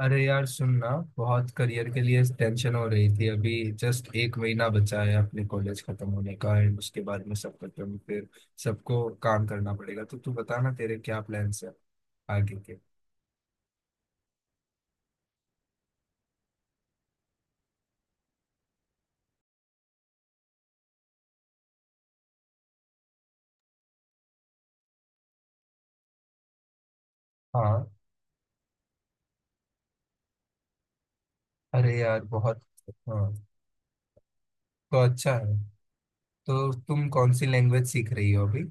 अरे यार सुनना। बहुत करियर के लिए टेंशन हो रही थी अभी। जस्ट एक महीना बचा है अपने कॉलेज खत्म होने का एंड उसके बाद में सब खत्म। फिर सबको काम करना पड़ेगा। तो तू बता ना, तेरे क्या प्लान्स है आगे के। हाँ। अरे यार बहुत। हाँ, तो अच्छा है। तो तुम कौन सी लैंग्वेज सीख रही हो अभी।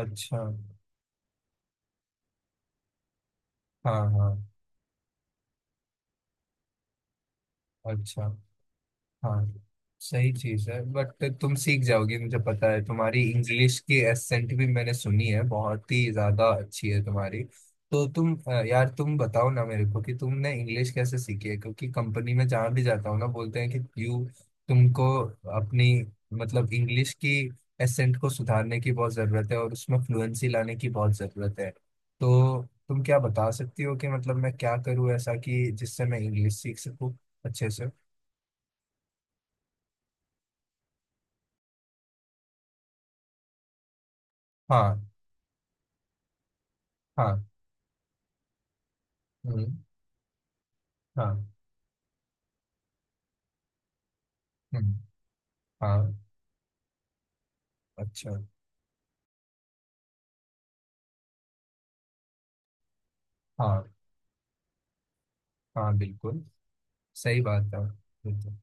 अच्छा। हाँ, हाँ। अच्छा। हाँ, सही चीज है। बट तुम सीख जाओगी, मुझे पता है। तुम्हारी इंग्लिश की एसेंट भी मैंने सुनी है, बहुत ही ज्यादा अच्छी है तुम्हारी। तो तुम यार तुम बताओ ना मेरे को कि तुमने इंग्लिश कैसे सीखी है। क्योंकि कंपनी में जहाँ भी जाता हूँ ना, बोलते हैं कि यू। तुमको अपनी मतलब इंग्लिश की एसेंट को सुधारने की बहुत जरूरत है और उसमें फ्लुएंसी लाने की बहुत जरूरत है। तो तुम क्या बता सकती हो कि मतलब मैं क्या करूँ ऐसा कि जिससे मैं इंग्लिश सीख सकूँ अच्छे से। हाँ। हाँ। हम्म। हाँ। हम्म। हाँ। अच्छा। हाँ हाँ, बिल्कुल। सही बात है। बिल्कुल।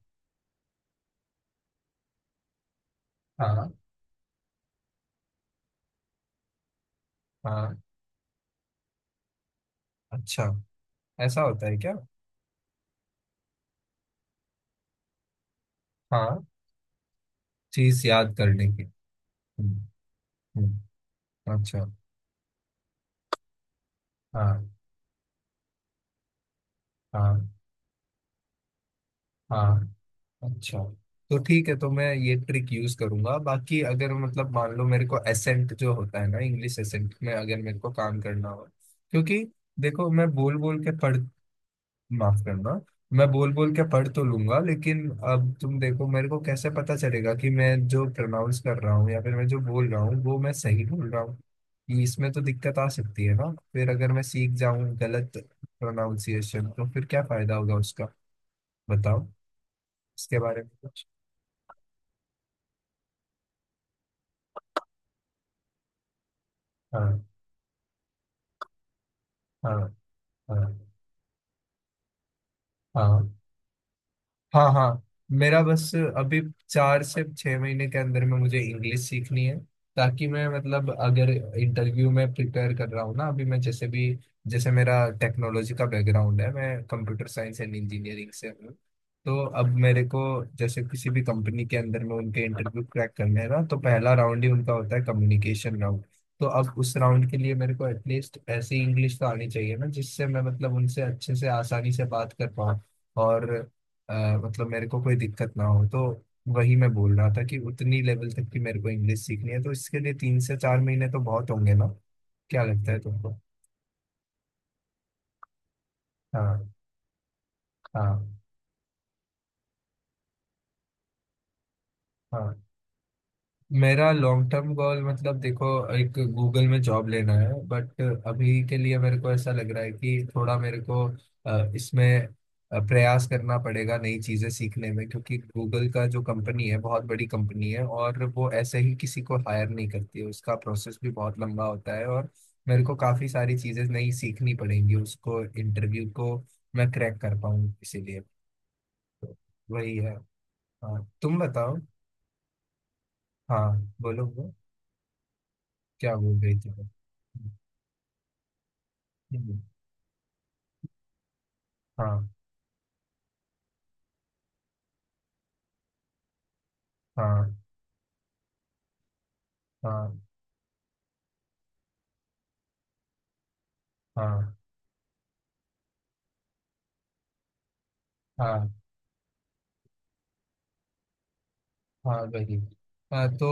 हाँ। हाँ। अच्छा, ऐसा होता है क्या। हाँ, चीज याद करने की। हम्म। हम्म। अच्छा। हाँ। हाँ। हाँ। अच्छा, तो ठीक है। तो मैं ये ट्रिक यूज करूंगा। बाकी अगर मतलब मान लो मेरे को एसेंट जो होता है ना इंग्लिश एसेंट में अगर मेरे को काम करना हो। क्योंकि देखो मैं बोल बोल के पढ़, माफ करना, मैं बोल बोल के पढ़ तो लूंगा, लेकिन अब तुम देखो मेरे को कैसे पता चलेगा कि मैं जो प्रोनाउंस कर रहा हूँ या फिर मैं जो बोल रहा हूँ वो मैं सही बोल रहा हूँ। ये इसमें तो दिक्कत आ सकती है ना फिर। अगर मैं सीख जाऊं गलत प्रोनाउंसिएशन तो फिर क्या फायदा होगा उसका। बताओ इसके बारे में कुछ। हाँ। हाँ। हाँ। हाँ। हाँ। हाँ। मेरा बस अभी 4 से 6 महीने के अंदर में मुझे इंग्लिश सीखनी है, ताकि मैं मतलब अगर इंटरव्यू में प्रिपेयर कर रहा हूँ ना अभी, मैं जैसे भी, जैसे मेरा टेक्नोलॉजी का बैकग्राउंड है, मैं कंप्यूटर साइंस एंड इंजीनियरिंग से हूँ। तो अब मेरे को जैसे किसी भी कंपनी के अंदर में उनके इंटरव्यू क्रैक करने हैं ना, तो पहला राउंड ही उनका होता है कम्युनिकेशन राउंड। तो अब उस राउंड के लिए मेरे को एटलीस्ट ऐसी इंग्लिश तो आनी चाहिए ना जिससे मैं मतलब उनसे अच्छे से आसानी से बात कर पाऊँ और अ, मतलब मेरे को कोई दिक्कत ना हो। तो वही मैं बोल रहा था कि उतनी लेवल तक की मेरे को इंग्लिश सीखनी है, तो इसके लिए 3 से 4 महीने तो बहुत होंगे ना। क्या लगता है तुमको। हाँ। हाँ। हाँ, मेरा लॉन्ग टर्म गोल मतलब देखो, एक गूगल में जॉब लेना है, बट अभी के लिए मेरे को ऐसा लग रहा है कि थोड़ा मेरे को इसमें प्रयास करना पड़ेगा नई चीजें सीखने में। क्योंकि गूगल का जो कंपनी है बहुत बड़ी कंपनी है और वो ऐसे ही किसी को हायर नहीं करती है। उसका प्रोसेस भी बहुत लंबा होता है और मेरे को काफी सारी चीजें नई सीखनी पड़ेंगी, उसको इंटरव्यू को मैं क्रैक कर पाऊँ इसीलिए। तो वही है। हाँ, तुम बताओ। हाँ, बोलो बोलो, क्या बोल रही थी। हाँ। हाँ। हाँ। हाँ। हाँ। हाँ वही। हाँ, तो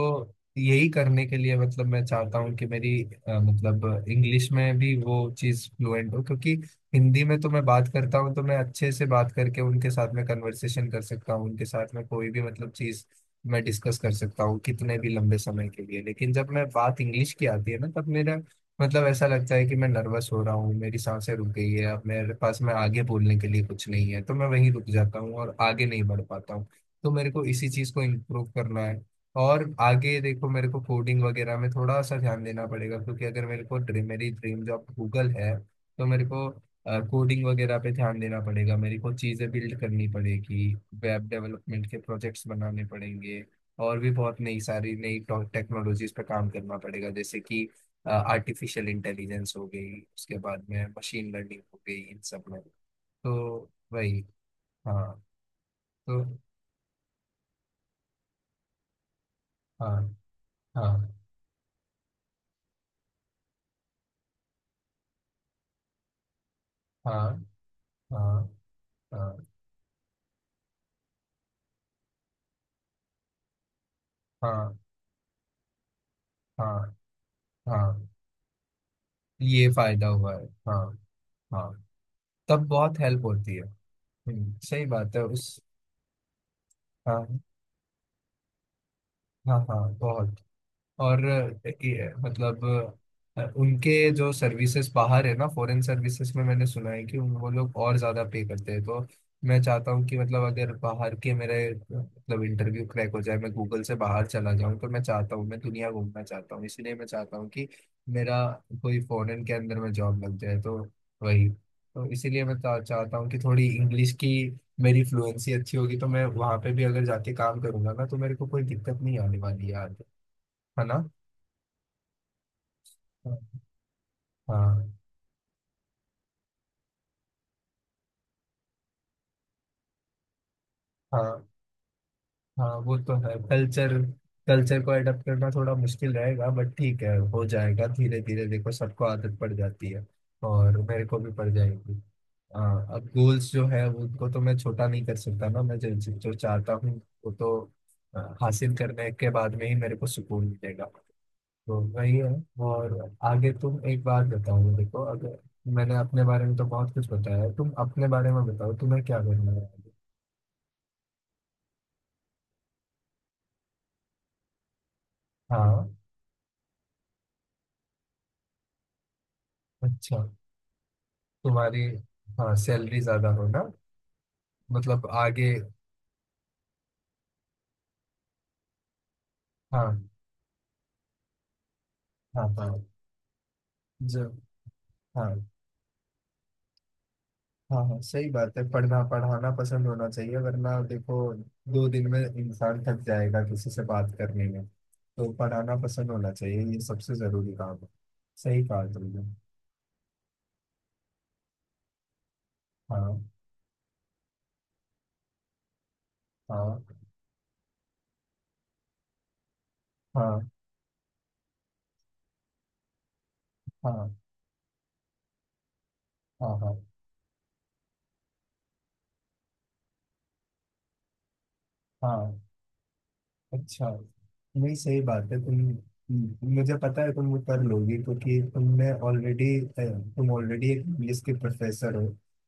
यही करने के लिए मतलब मैं चाहता हूँ कि मेरी मतलब इंग्लिश में भी वो चीज़ फ्लुएंट हो। क्योंकि हिंदी में तो मैं बात करता हूँ तो मैं अच्छे से बात करके उनके साथ में कन्वर्सेशन कर सकता हूँ, उनके साथ में कोई भी मतलब चीज़ मैं डिस्कस कर सकता हूँ कितने भी लंबे समय के लिए। लेकिन जब मैं बात इंग्लिश की आती है ना, तब मेरा मतलब ऐसा लगता है कि मैं नर्वस हो रहा हूँ, मेरी सांसें रुक गई है, अब मेरे पास में आगे बोलने के लिए कुछ नहीं है, तो मैं वहीं रुक जाता हूँ और आगे नहीं बढ़ पाता हूँ। तो मेरे को इसी चीज को इम्प्रूव करना है। और आगे देखो मेरे को कोडिंग वगैरह में थोड़ा सा ध्यान देना पड़ेगा, क्योंकि अगर मेरे को ड्रीम मेरी ड्रीम जॉब गूगल है, तो मेरे को कोडिंग वगैरह पे ध्यान देना पड़ेगा, मेरे को चीजें बिल्ड करनी पड़ेगी, वेब डेवलपमेंट के प्रोजेक्ट्स बनाने पड़ेंगे और भी बहुत नई सारी नई टेक्नोलॉजीज पे काम करना पड़ेगा, जैसे कि आर्टिफिशियल इंटेलिजेंस हो गई, उसके बाद में मशीन लर्निंग हो गई, इन सब में। तो वही। हाँ। तो हाँ हाँ। हाँ। हाँ। हाँ। हाँ। हाँ। हाँ। ये फायदा हुआ है, हाँ। हाँ, तब बहुत हेल्प होती है। सही बात है उस। हाँ। हाँ, हाँ, बहुत। और ये, मतलब उनके जो सर्विसेज बाहर है ना, फॉरेन सर्विसेज में मैंने सुना है कि उन वो लोग और ज्यादा पे करते हैं। तो मैं चाहता हूँ कि मतलब अगर बाहर के मेरे मतलब इंटरव्यू क्रैक हो जाए, मैं गूगल से बाहर चला जाऊँ, तो मैं चाहता हूँ मैं दुनिया घूमना चाहता हूँ। इसलिए मैं चाहता हूँ कि मेरा कोई फॉरेन के अंदर में जॉब लग जाए। तो वही तो, इसीलिए मैं चाहता हूँ कि थोड़ी इंग्लिश की मेरी फ्लुएंसी अच्छी होगी तो मैं वहां पे भी अगर जाके काम करूंगा ना तो मेरे को कोई दिक्कत नहीं आने वाली यार। है ना। हाँ। हाँ। हाँ, वो तो है, कल्चर। कल्चर को अडॉप्ट करना थोड़ा मुश्किल रहेगा, बट ठीक है हो जाएगा धीरे धीरे, देखो सबको आदत पड़ जाती है और मेरे को भी पड़ जाएगी। हाँ, अब गोल्स जो है वो उनको तो मैं छोटा नहीं कर सकता ना। मैं जो जो चाहता हूँ वो तो हासिल करने के बाद में ही मेरे को सुकून मिलेगा। तो वही है। और आगे तुम एक बात बताओ, देखो अगर मैंने अपने बारे में तो बहुत कुछ बताया है, तुम अपने बारे में बताओ, तुम्हें क्या करना है आगे? हाँ। अच्छा। तुम्हारी। हाँ, सैलरी ज्यादा हो ना, मतलब आगे। हाँ। हाँ। हाँ, जब। हाँ, हाँ, हाँ, सही बात है, पढ़ना पढ़ाना पसंद होना चाहिए वरना देखो दो दिन में इंसान थक जाएगा किसी से बात करने में। तो पढ़ाना पसंद होना चाहिए, ये सबसे जरूरी काम है। सही कहा तुमने। हाँ। हाँ। हाँ। हाँ। हाँ। हाँ। हाँ। अच्छा। नहीं, सही बात है। मुझे पता है तुम कर लोगी, क्योंकि तुमने ऑलरेडी, तुम ऑलरेडी एक इंग्लिश के प्रोफेसर हो,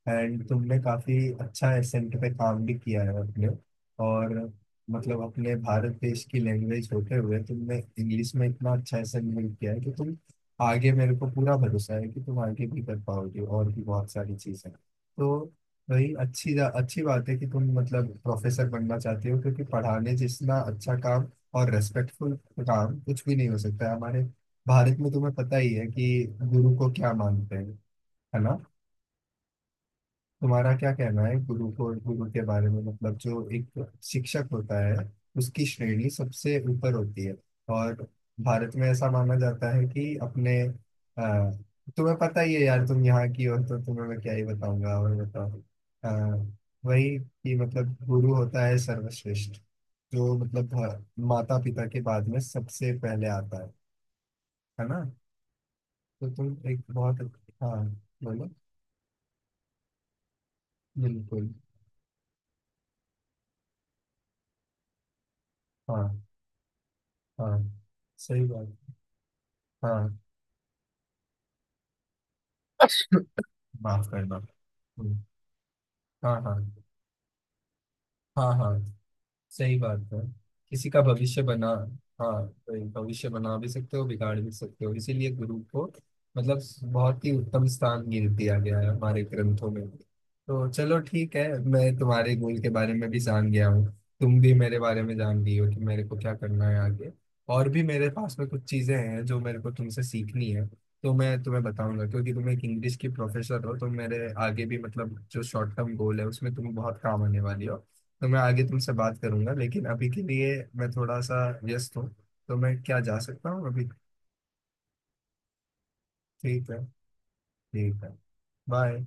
एंड तुमने काफी अच्छा एसेंट पे काम भी किया है अपने। और मतलब अपने भारत देश की लैंग्वेज होते हुए तुमने इंग्लिश में इतना अच्छा एसेंट बिल्ड किया है कि तुम आगे, मेरे को पूरा भरोसा है कि तुम आगे भी कर पाओगे और भी बहुत सारी चीजें। तो वही अच्छी अच्छी बात है कि तुम मतलब प्रोफेसर बनना चाहते हो, क्योंकि पढ़ाने जितना अच्छा काम और रेस्पेक्टफुल काम कुछ भी नहीं हो सकता है हमारे भारत में। तुम्हें पता ही है कि गुरु को क्या मानते हैं। है ना। तुम्हारा क्या कहना है गुरु को, गुरु के बारे में, मतलब जो एक शिक्षक होता है उसकी श्रेणी सबसे ऊपर होती है। और भारत में ऐसा माना जाता है कि अपने अ, तुम्हें पता ही है यार, तुम यहाँ की हो, तो तुम्हें मैं क्या ही बताऊंगा। और बताओ अ, वही कि मतलब गुरु होता है सर्वश्रेष्ठ, जो मतलब माता पिता के बाद में सबसे पहले आता है। है ना। तो तुम एक बहुत। हाँ, बोलो। बिल्कुल। हाँ। हाँ, सही बात। हाँ, माफ करना। हम्म। हाँ, हाँ, हाँ, हाँ, सही बात है। किसी का भविष्य बना, हाँ, तो भविष्य बना भी सकते हो, बिगाड़ भी सकते हो। इसीलिए गुरु को मतलब बहुत ही उत्तम स्थान गिर दिया गया है हमारे ग्रंथों में। तो चलो ठीक है, मैं तुम्हारे गोल के बारे में भी जान गया हूँ, तुम भी मेरे बारे में जान गई हो कि मेरे को क्या करना है आगे। और भी मेरे पास में कुछ चीजें हैं जो मेरे को तुमसे सीखनी है, तो मैं तुम्हें बताऊंगा, क्योंकि तुम एक इंग्लिश की प्रोफेसर हो तो मेरे आगे भी मतलब जो शॉर्ट टर्म गोल है उसमें तुम बहुत काम आने वाली हो। तो मैं आगे तुमसे बात करूंगा, लेकिन अभी के लिए मैं थोड़ा सा व्यस्त हूँ। तो मैं क्या जा सकता हूँ अभी। ठीक है। ठीक है। बाय।